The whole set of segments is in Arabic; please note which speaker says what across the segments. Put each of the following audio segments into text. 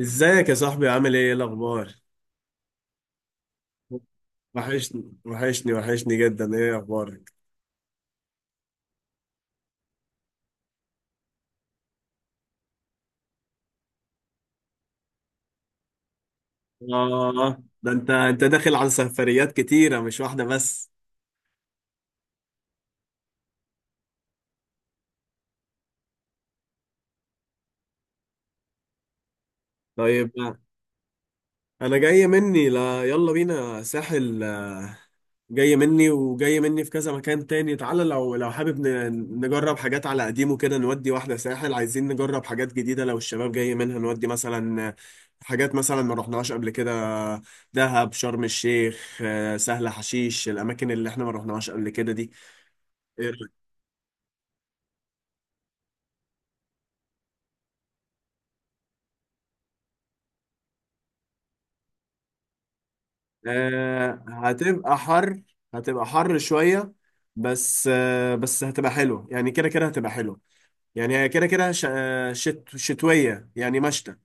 Speaker 1: ازيك يا صاحبي؟ عامل ايه الاخبار؟ وحشني جدا. ايه اخبارك؟ اه ده انت داخل على سفريات كتيرة، مش واحدة بس. طيب، انا جاي مني؟ لا، يلا بينا ساحل. جاي مني، وجاي مني في كذا مكان تاني. تعالى، لو حابب نجرب حاجات على قديمه كده، نودي واحدة ساحل. عايزين نجرب حاجات جديدة لو الشباب جاي منها، نودي مثلا حاجات مثلا ما رحناهاش قبل كده. دهب، شرم الشيخ، سهل حشيش، الأماكن اللي احنا ما رحناهاش قبل كده دي. إيه رأيك؟ هتبقى حر، هتبقى حر شوية. بس بس هتبقى حلوة، يعني كده كده هتبقى حلوة. يعني هي كده كده ش- آه، شت شتوية، يعني مشتى.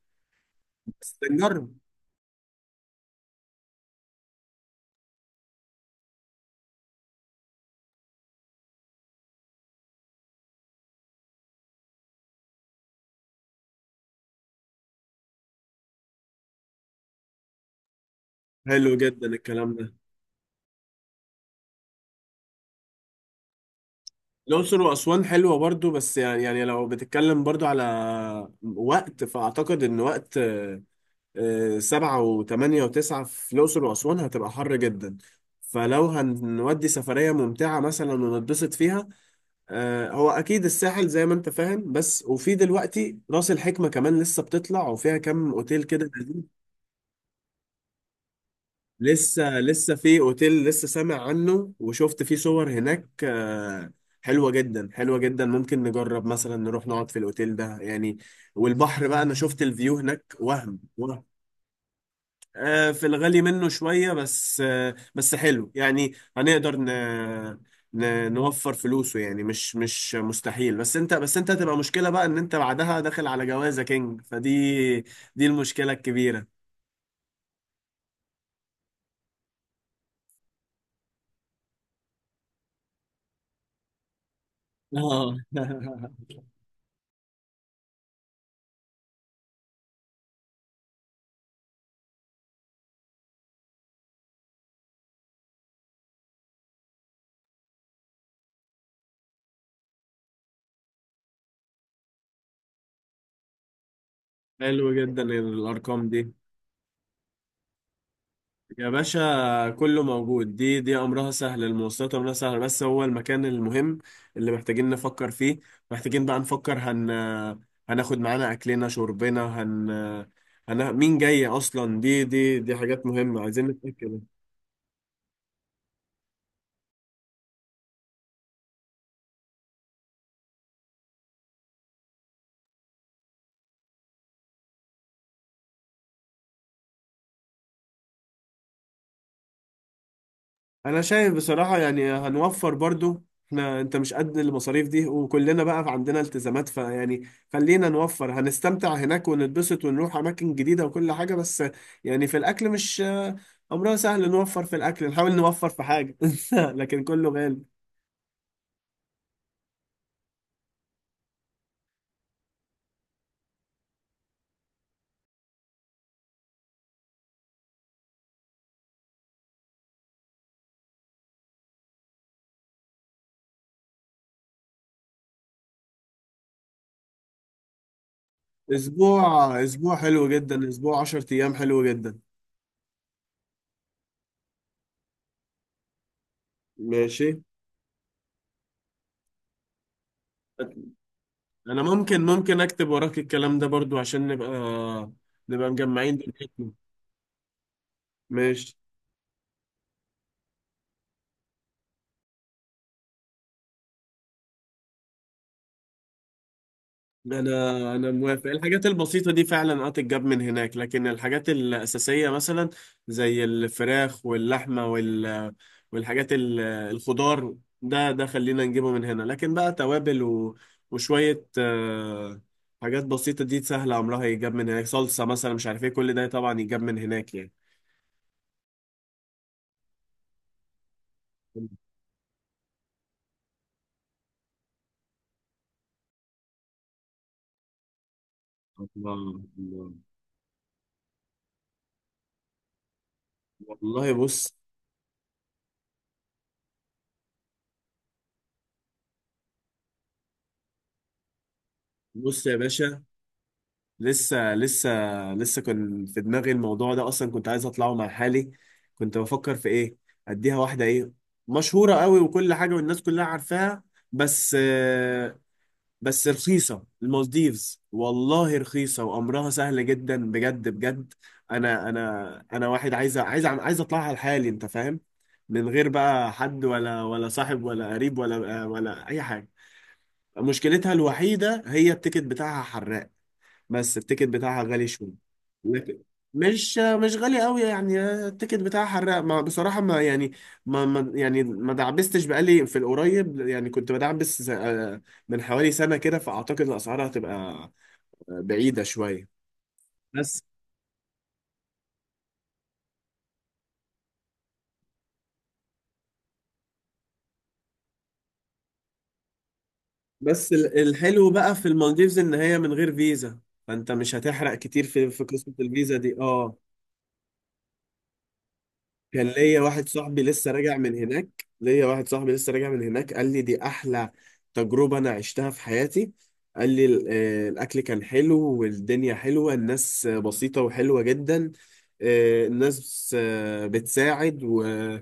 Speaker 1: بس نجرب. حلو جدا الكلام ده. الأقصر وأسوان حلوة برضو، بس يعني لو بتتكلم برضو على وقت، فأعتقد إن وقت سبعة وثمانية وتسعة في الأقصر وأسوان هتبقى حر جدا. فلو هنودي سفرية ممتعة مثلا ونتبسط فيها، هو أكيد الساحل زي ما أنت فاهم، بس وفي دلوقتي رأس الحكمة كمان لسه بتطلع، وفيها كام أوتيل كده. لسه، في اوتيل لسه سامع عنه وشفت فيه صور هناك، حلوة جدا، حلوة جدا. ممكن نجرب مثلا نروح نقعد في الاوتيل ده يعني. والبحر بقى انا شفت الفيو هناك، وهم. في الغالي منه شوية، بس بس حلو يعني. هنقدر نوفر فلوسه يعني، مش مستحيل. بس انت هتبقى مشكلة بقى، ان انت بعدها داخل على جوازة كينج، فدي دي المشكلة الكبيرة. اه حلو جدا الارقام دي. يا باشا، كله موجود. دي امرها سهل، المواصلات امرها سهل، بس هو المكان المهم اللي محتاجين نفكر فيه. محتاجين بقى نفكر، هناخد معانا اكلنا شربنا، هن هن مين جاي اصلا. دي حاجات مهمة، عايزين نتأكد. انا شايف بصراحة، يعني هنوفر برضو. احنا انت مش قد المصاريف دي، وكلنا بقى عندنا التزامات، فيعني خلينا نوفر. هنستمتع هناك ونتبسط ونروح اماكن جديدة وكل حاجة، بس يعني في الاكل، مش امرها سهل. نوفر في الاكل، نحاول نوفر في حاجة. لكن كله غالي. اسبوع، حلو جدا. اسبوع 10 ايام حلو جدا. ماشي. انا ممكن اكتب وراك الكلام ده برضو، عشان نبقى مجمعين دنيتنا. ماشي. انا موافق. الحاجات البسيطه دي فعلا اه تتجاب من هناك، لكن الحاجات الاساسيه مثلا زي الفراخ واللحمه والحاجات الخضار، ده خلينا نجيبه من هنا. لكن بقى توابل وشويه حاجات بسيطه دي سهله، عمرها يتجاب من هناك. صلصه مثلا مش عارف ايه، كل ده طبعا يتجاب من هناك يعني. الله الله، والله بص. بص يا باشا، لسه لسه لسه كان في دماغي الموضوع ده اصلا. كنت عايز اطلعه مع حالي. كنت بفكر في ايه؟ اديها واحده ايه، مشهوره قوي، وكل حاجه والناس كلها عارفاها. بس بس رخيصه المالديفز، والله رخيصه وامرها سهل جدا، بجد بجد. انا واحد عايز اطلعها لحالي، انت فاهم؟ من غير بقى حد، ولا صاحب ولا قريب، ولا اي حاجه. مشكلتها الوحيده هي التيكت بتاعها حراق، بس التيكت بتاعها غالي شوية. لكن مش غالي قوي يعني. التيكت بتاعها حراق، ما بصراحة ما يعني، ما دعبستش بقالي في القريب يعني. كنت بدعبس من حوالي سنة كده، فأعتقد الأسعار هتبقى بعيدة شوية. بس الحلو بقى في المالديفز إن هي من غير فيزا، فأنت مش هتحرق كتير في قصة الفيزا دي. اه كان ليا واحد صاحبي لسه راجع من هناك. ليا واحد صاحبي لسه راجع من هناك قال لي دي احلى تجربة انا عشتها في حياتي. قال لي الاكل كان حلو، والدنيا حلوة، الناس بسيطة وحلوة جدا. الناس بتساعد. وناس،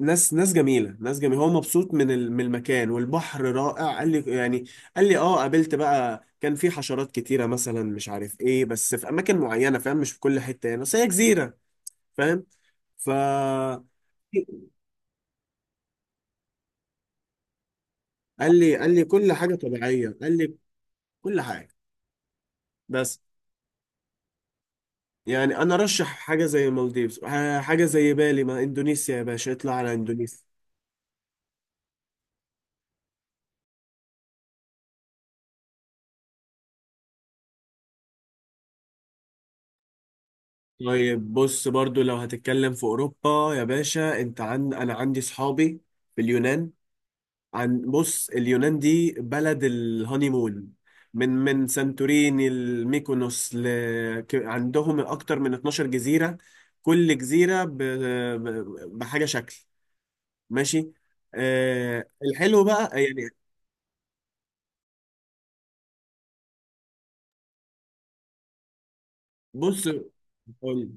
Speaker 1: ناس جميلة، هو مبسوط من من المكان. والبحر رائع قال لي يعني. قال لي اه قابلت بقى، كان في حشرات كتيرة مثلا مش عارف ايه، بس في اماكن معينة فاهم، مش في كل حتة يعني، بس هي جزيرة فاهم. فقال لي قال لي كل حاجه طبيعيه. قال لي كل حاجه. بس يعني انا رشح حاجه زي المالديفز، حاجه زي بالي. ما اندونيسيا يا باشا، اطلع على اندونيسيا. طيب بص، برضو لو هتتكلم في اوروبا يا باشا، انت عن انا عندي صحابي في اليونان. بص، اليونان دي بلد الهانيمون. من سانتوريني، الميكونوس، عندهم اكتر من 12 جزيره. كل جزيره بحاجه شكل. ماشي. آه الحلو بقى يعني. بص قول لي.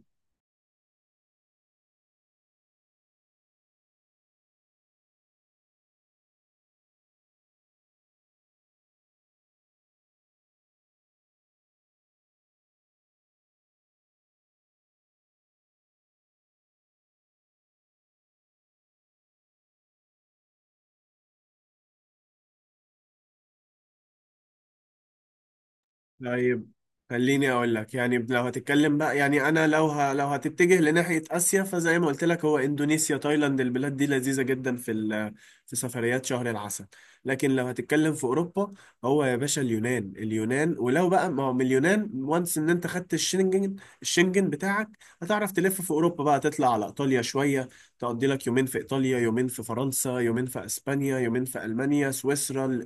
Speaker 1: طيب خليني اقول لك. يعني لو هتتكلم بقى، يعني انا لو هتتجه لناحيه اسيا، فزي ما قلت لك، هو اندونيسيا، تايلاند، البلاد دي لذيذه جدا في في سفريات شهر العسل. لكن لو هتتكلم في اوروبا، هو يا باشا اليونان، ولو بقى ما هو من اليونان، وانس ان انت خدت الشنجن، الشنجن بتاعك، هتعرف تلف في اوروبا بقى. تطلع على ايطاليا شويه، تقضي لك يومين في ايطاليا، يومين في فرنسا، يومين في اسبانيا، يومين في المانيا، سويسرا،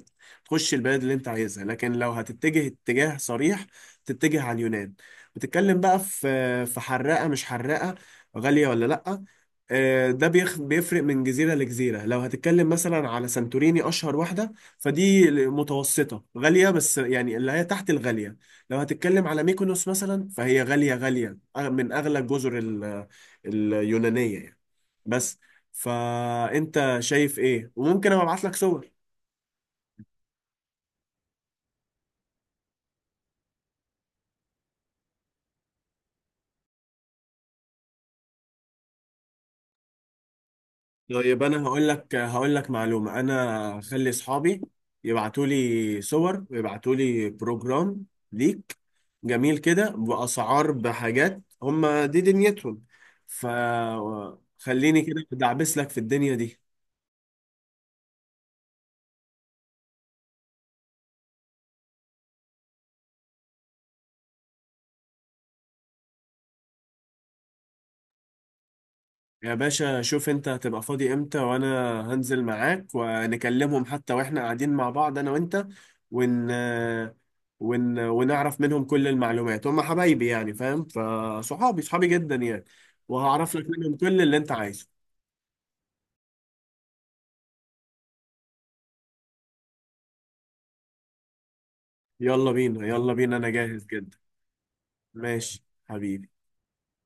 Speaker 1: تخش البلد اللي انت عايزها. لكن لو هتتجه اتجاه صريح، تتجه على اليونان. بتتكلم بقى في حراقة مش حراقة، غالية ولا لأ؟ ده بيفرق من جزيرة لجزيرة. لو هتتكلم مثلا على سانتوريني، أشهر واحدة، فدي متوسطة غالية، بس يعني اللي هي تحت الغالية. لو هتتكلم على ميكونوس مثلا، فهي غالية غالية، من أغلى الجزر اليونانية يعني. بس فأنت شايف إيه؟ وممكن أبقى أبعت لك صور. طيب انا هقول لك معلومه. انا خلي اصحابي يبعتوا لي صور ويبعتوا لي بروجرام ليك، جميل كده، باسعار، بحاجات، هم دي دنيتهم. فخليني كده دعبس لك في الدنيا دي. يا باشا شوف انت هتبقى فاضي امتى، وانا هنزل معاك ونكلمهم حتى واحنا قاعدين مع بعض انا وانت، ون... ونعرف منهم كل المعلومات. هم حبايبي يعني فاهم، فصحابي، صحابي جدا يعني، وهعرف لك منهم كل اللي انت عايزه. يلا بينا، انا جاهز جدا. ماشي حبيبي.